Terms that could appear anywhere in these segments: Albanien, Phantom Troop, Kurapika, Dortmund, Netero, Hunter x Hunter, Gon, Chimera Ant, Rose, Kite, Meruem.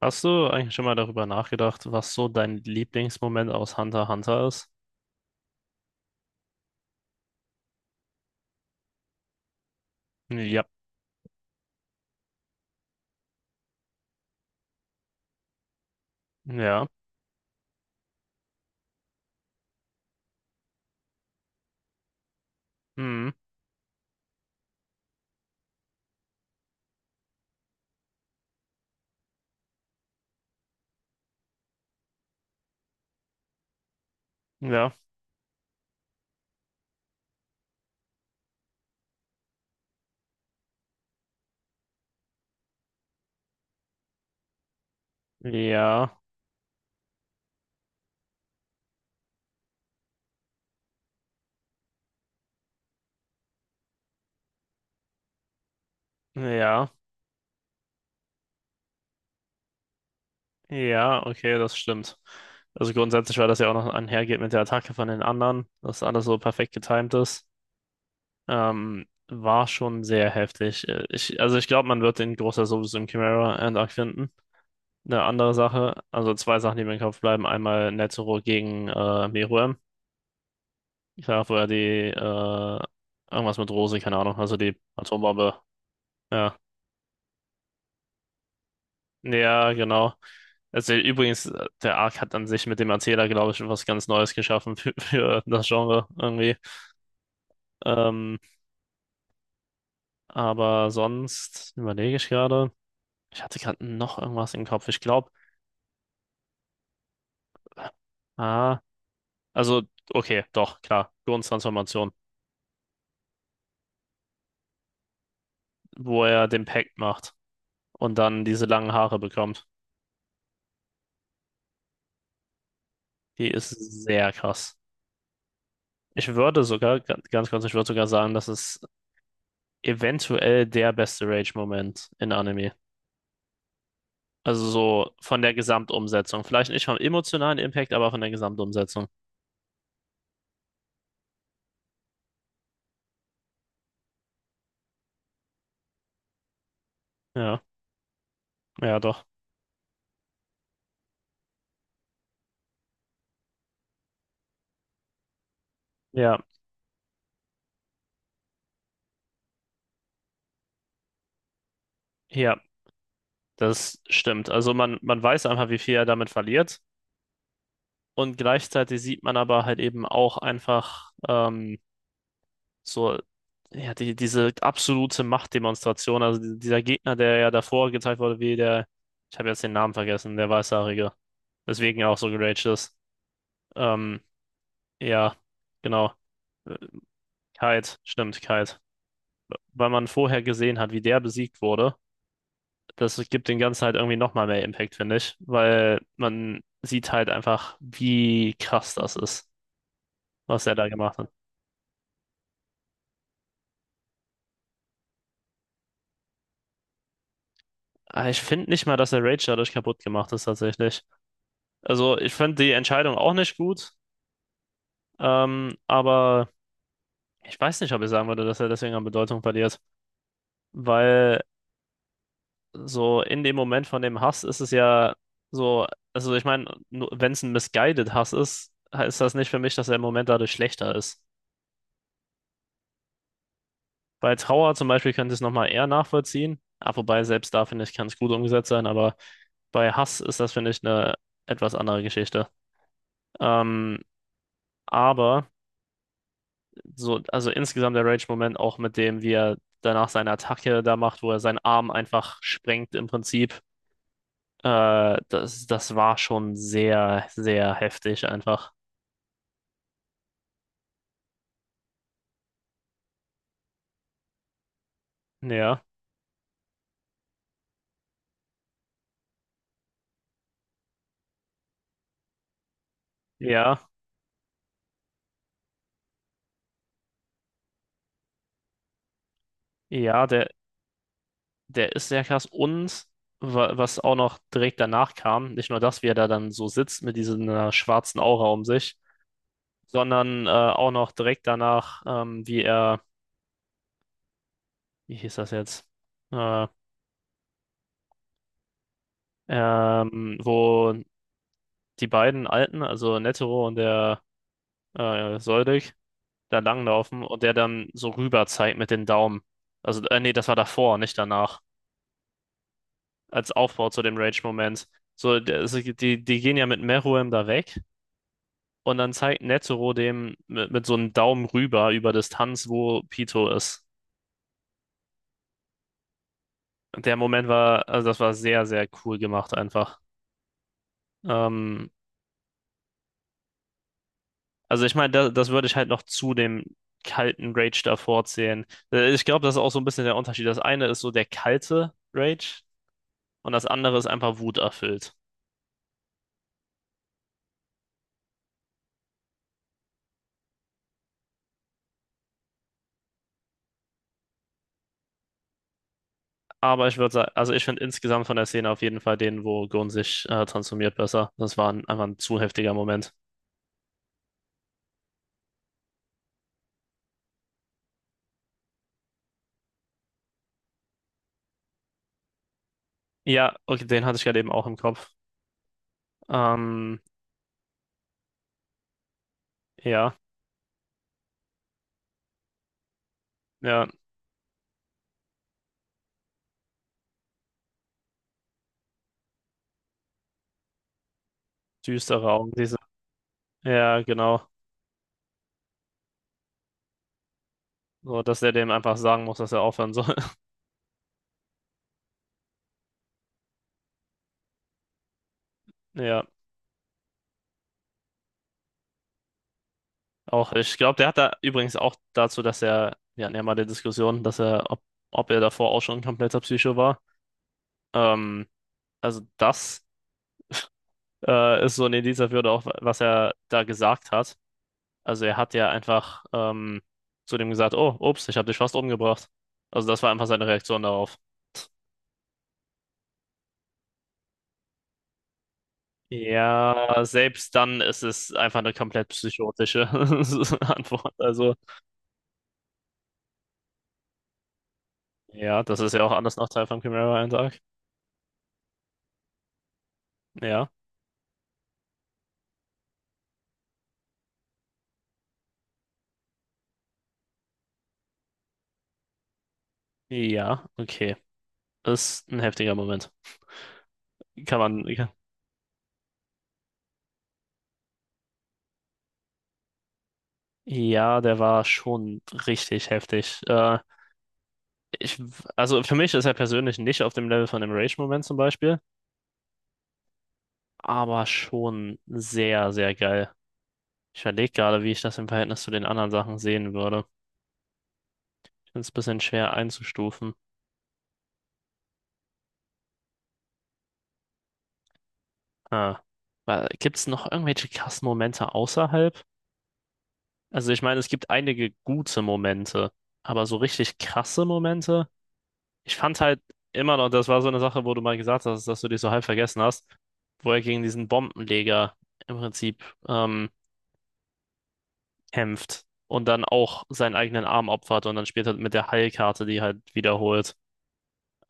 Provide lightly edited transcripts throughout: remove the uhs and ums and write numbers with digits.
Hast du eigentlich schon mal darüber nachgedacht, was so dein Lieblingsmoment aus Hunter x Hunter ist? Ja, ja, hm, ja, ja, ja, ja, okay, das stimmt. Also grundsätzlich, weil das ja auch noch einhergeht mit der Attacke von den anderen, dass alles so perfekt getimt ist, war schon sehr heftig. Also ich glaube, man wird den Großteil sowieso im Chimera Andark finden. Eine andere Sache, also zwei Sachen, die mir im Kopf bleiben. Einmal Netero gegen Meruem. Ich sag vorher irgendwas mit Rose, keine Ahnung, also die Atombombe. Ja. Ja, genau. Also übrigens, der Arc hat an sich mit dem Erzähler, glaube ich, was ganz Neues geschaffen für, für das Genre irgendwie. Ähm, aber sonst überlege ich gerade. Ich hatte gerade noch irgendwas im Kopf. Ich glaube, ah, also, okay, doch, klar. Gourn-Transformation, wo er den Pact macht und dann diese langen Haare bekommt. Die ist sehr krass. Ich würde sogar, ganz kurz, ich würde sogar sagen, das ist eventuell der beste Rage-Moment in Anime. Also so von der Gesamtumsetzung. Vielleicht nicht vom emotionalen Impact, aber von der Gesamtumsetzung. Ja, ja, doch. Ja, ja, das stimmt. Also man weiß einfach, wie viel er damit verliert. Und gleichzeitig sieht man aber halt eben auch einfach so, ja, diese absolute Machtdemonstration. Also dieser Gegner, der ja davor gezeigt wurde, wie der, ich habe jetzt den Namen vergessen, der Weißhaarige. Deswegen er auch so geraged ist. Ähm, ja, genau. Äh, Kite, stimmt, Kite. Weil man vorher gesehen hat, wie der besiegt wurde, das gibt den Ganzen halt irgendwie nochmal mehr Impact, finde ich. Weil man sieht halt einfach, wie krass das ist, was er da gemacht hat. Aber ich finde nicht mal, dass der Rage dadurch kaputt gemacht ist, tatsächlich. Also, ich fand die Entscheidung auch nicht gut, aber ich weiß nicht, ob ich sagen würde, dass er deswegen an Bedeutung verliert. Weil so in dem Moment von dem Hass ist es ja so, also ich meine, wenn es ein misguided Hass ist, heißt das nicht für mich, dass der Moment dadurch schlechter ist. Bei Trauer zum Beispiel könnte ich es nochmal eher nachvollziehen. Ah, wobei, selbst da finde ich, kann es gut umgesetzt sein, aber bei Hass ist das, finde ich, eine etwas andere Geschichte. Ähm, aber so, also insgesamt der Rage-Moment auch mit dem, wie er danach seine Attacke da macht, wo er seinen Arm einfach sprengt im Prinzip. Das war schon sehr, sehr heftig einfach. Ja, ja, ja, der ist sehr krass. Und was auch noch direkt danach kam, nicht nur das, wie er da dann so sitzt mit dieser schwarzen Aura um sich, sondern auch noch direkt danach, wie er, wie hieß das jetzt? Äh, Wo die beiden Alten, also Netero und der Soldig, da langlaufen und der dann so rüber zeigt mit den Daumen. Also, nee, das war davor, nicht danach. Als Aufbau zu dem Rage-Moment. So, der, die gehen ja mit Meruem da weg und dann zeigt Netero dem mit so einem Daumen rüber über Distanz, wo Pito ist. Der Moment war, also das war sehr, sehr cool gemacht einfach. Ähm, also ich meine, das würde ich halt noch zu dem kalten Rage davor zählen. Ich glaube, das ist auch so ein bisschen der Unterschied. Das eine ist so der kalte Rage und das andere ist einfach wuterfüllt. Aber ich würde sagen, also ich finde insgesamt von der Szene auf jeden Fall den, wo Gon sich transformiert, besser. Das war einfach ein zu heftiger Moment. Ja, okay, den hatte ich gerade eben auch im Kopf. Ähm, ja, ja, düstere Augen, diese. Ja, genau. So, dass er dem einfach sagen muss, dass er aufhören soll. Ja, auch. Ich glaube, der hat da übrigens auch dazu, dass er, wir hatten ja mal die Diskussion, dass ob, ob er davor auch schon ein kompletter Psycho war. Ähm, also das ist so ein Indiz dafür, oder auch was er da gesagt hat. Also er hat ja einfach zu dem gesagt, oh, ups, ich habe dich fast umgebracht. Also das war einfach seine Reaktion darauf. Ja, selbst dann ist es einfach eine komplett psychotische Antwort. Also ja, das ist ja auch anders nach Teil von Chimera-Eintrag. Ja, ja, okay. Ist ein heftiger Moment. Kann man, ja, der war schon richtig heftig. Ich, also für mich ist er persönlich nicht auf dem Level von dem Rage-Moment zum Beispiel, aber schon sehr, sehr geil. Ich überlege gerade, wie ich das im Verhältnis zu den anderen Sachen sehen würde. Ich finde es ein bisschen schwer einzustufen. Ah. Gibt es noch irgendwelche krassen Momente außerhalb? Also ich meine, es gibt einige gute Momente, aber so richtig krasse Momente? Ich fand halt immer noch, das war so eine Sache, wo du mal gesagt hast, dass du dich so halb vergessen hast, wo er gegen diesen Bombenleger im Prinzip kämpft und dann auch seinen eigenen Arm opfert und dann spielt er mit der Heilkarte, die halt wiederholt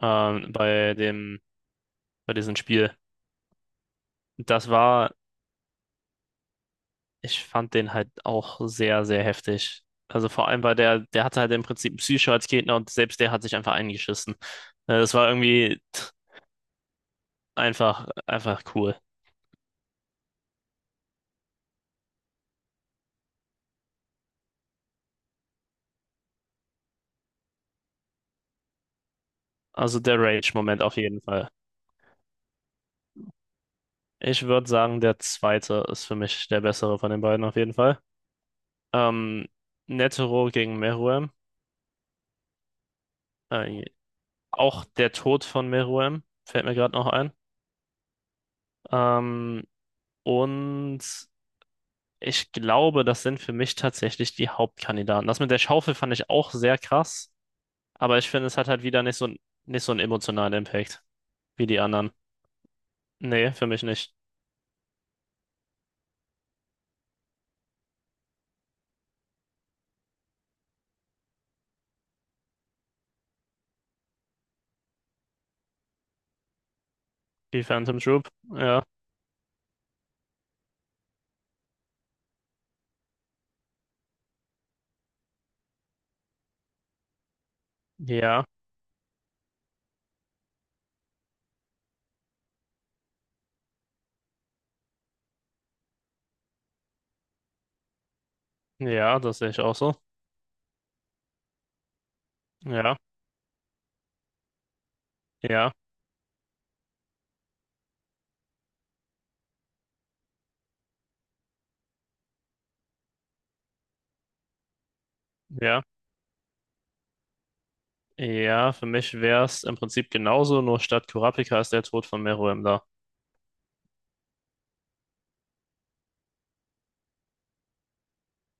bei dem, bei diesem Spiel. Das war, ich fand den halt auch sehr, sehr heftig. Also vor allem, weil der hatte halt im Prinzip Psycho als Gegner und selbst der hat sich einfach eingeschissen. Das war irgendwie tch, einfach, einfach cool. Also der Rage-Moment auf jeden Fall. Ich würde sagen, der zweite ist für mich der bessere von den beiden auf jeden Fall. Ähm, Netero gegen Meruem. Äh, auch der Tod von Meruem fällt mir gerade noch ein. Ähm, und Ich glaube, das sind für mich tatsächlich die Hauptkandidaten. Das mit der Schaufel fand ich auch sehr krass, aber ich finde, es hat halt wieder nicht so, nicht so einen emotionalen Impact wie die anderen. Nee, für mich nicht. Die Phantom Troop, ja, ja, ja, das sehe ich auch so. Ja, ja, ja, ja, für mich wäre es im Prinzip genauso, nur statt Kurapika ist der Tod von Meruem da.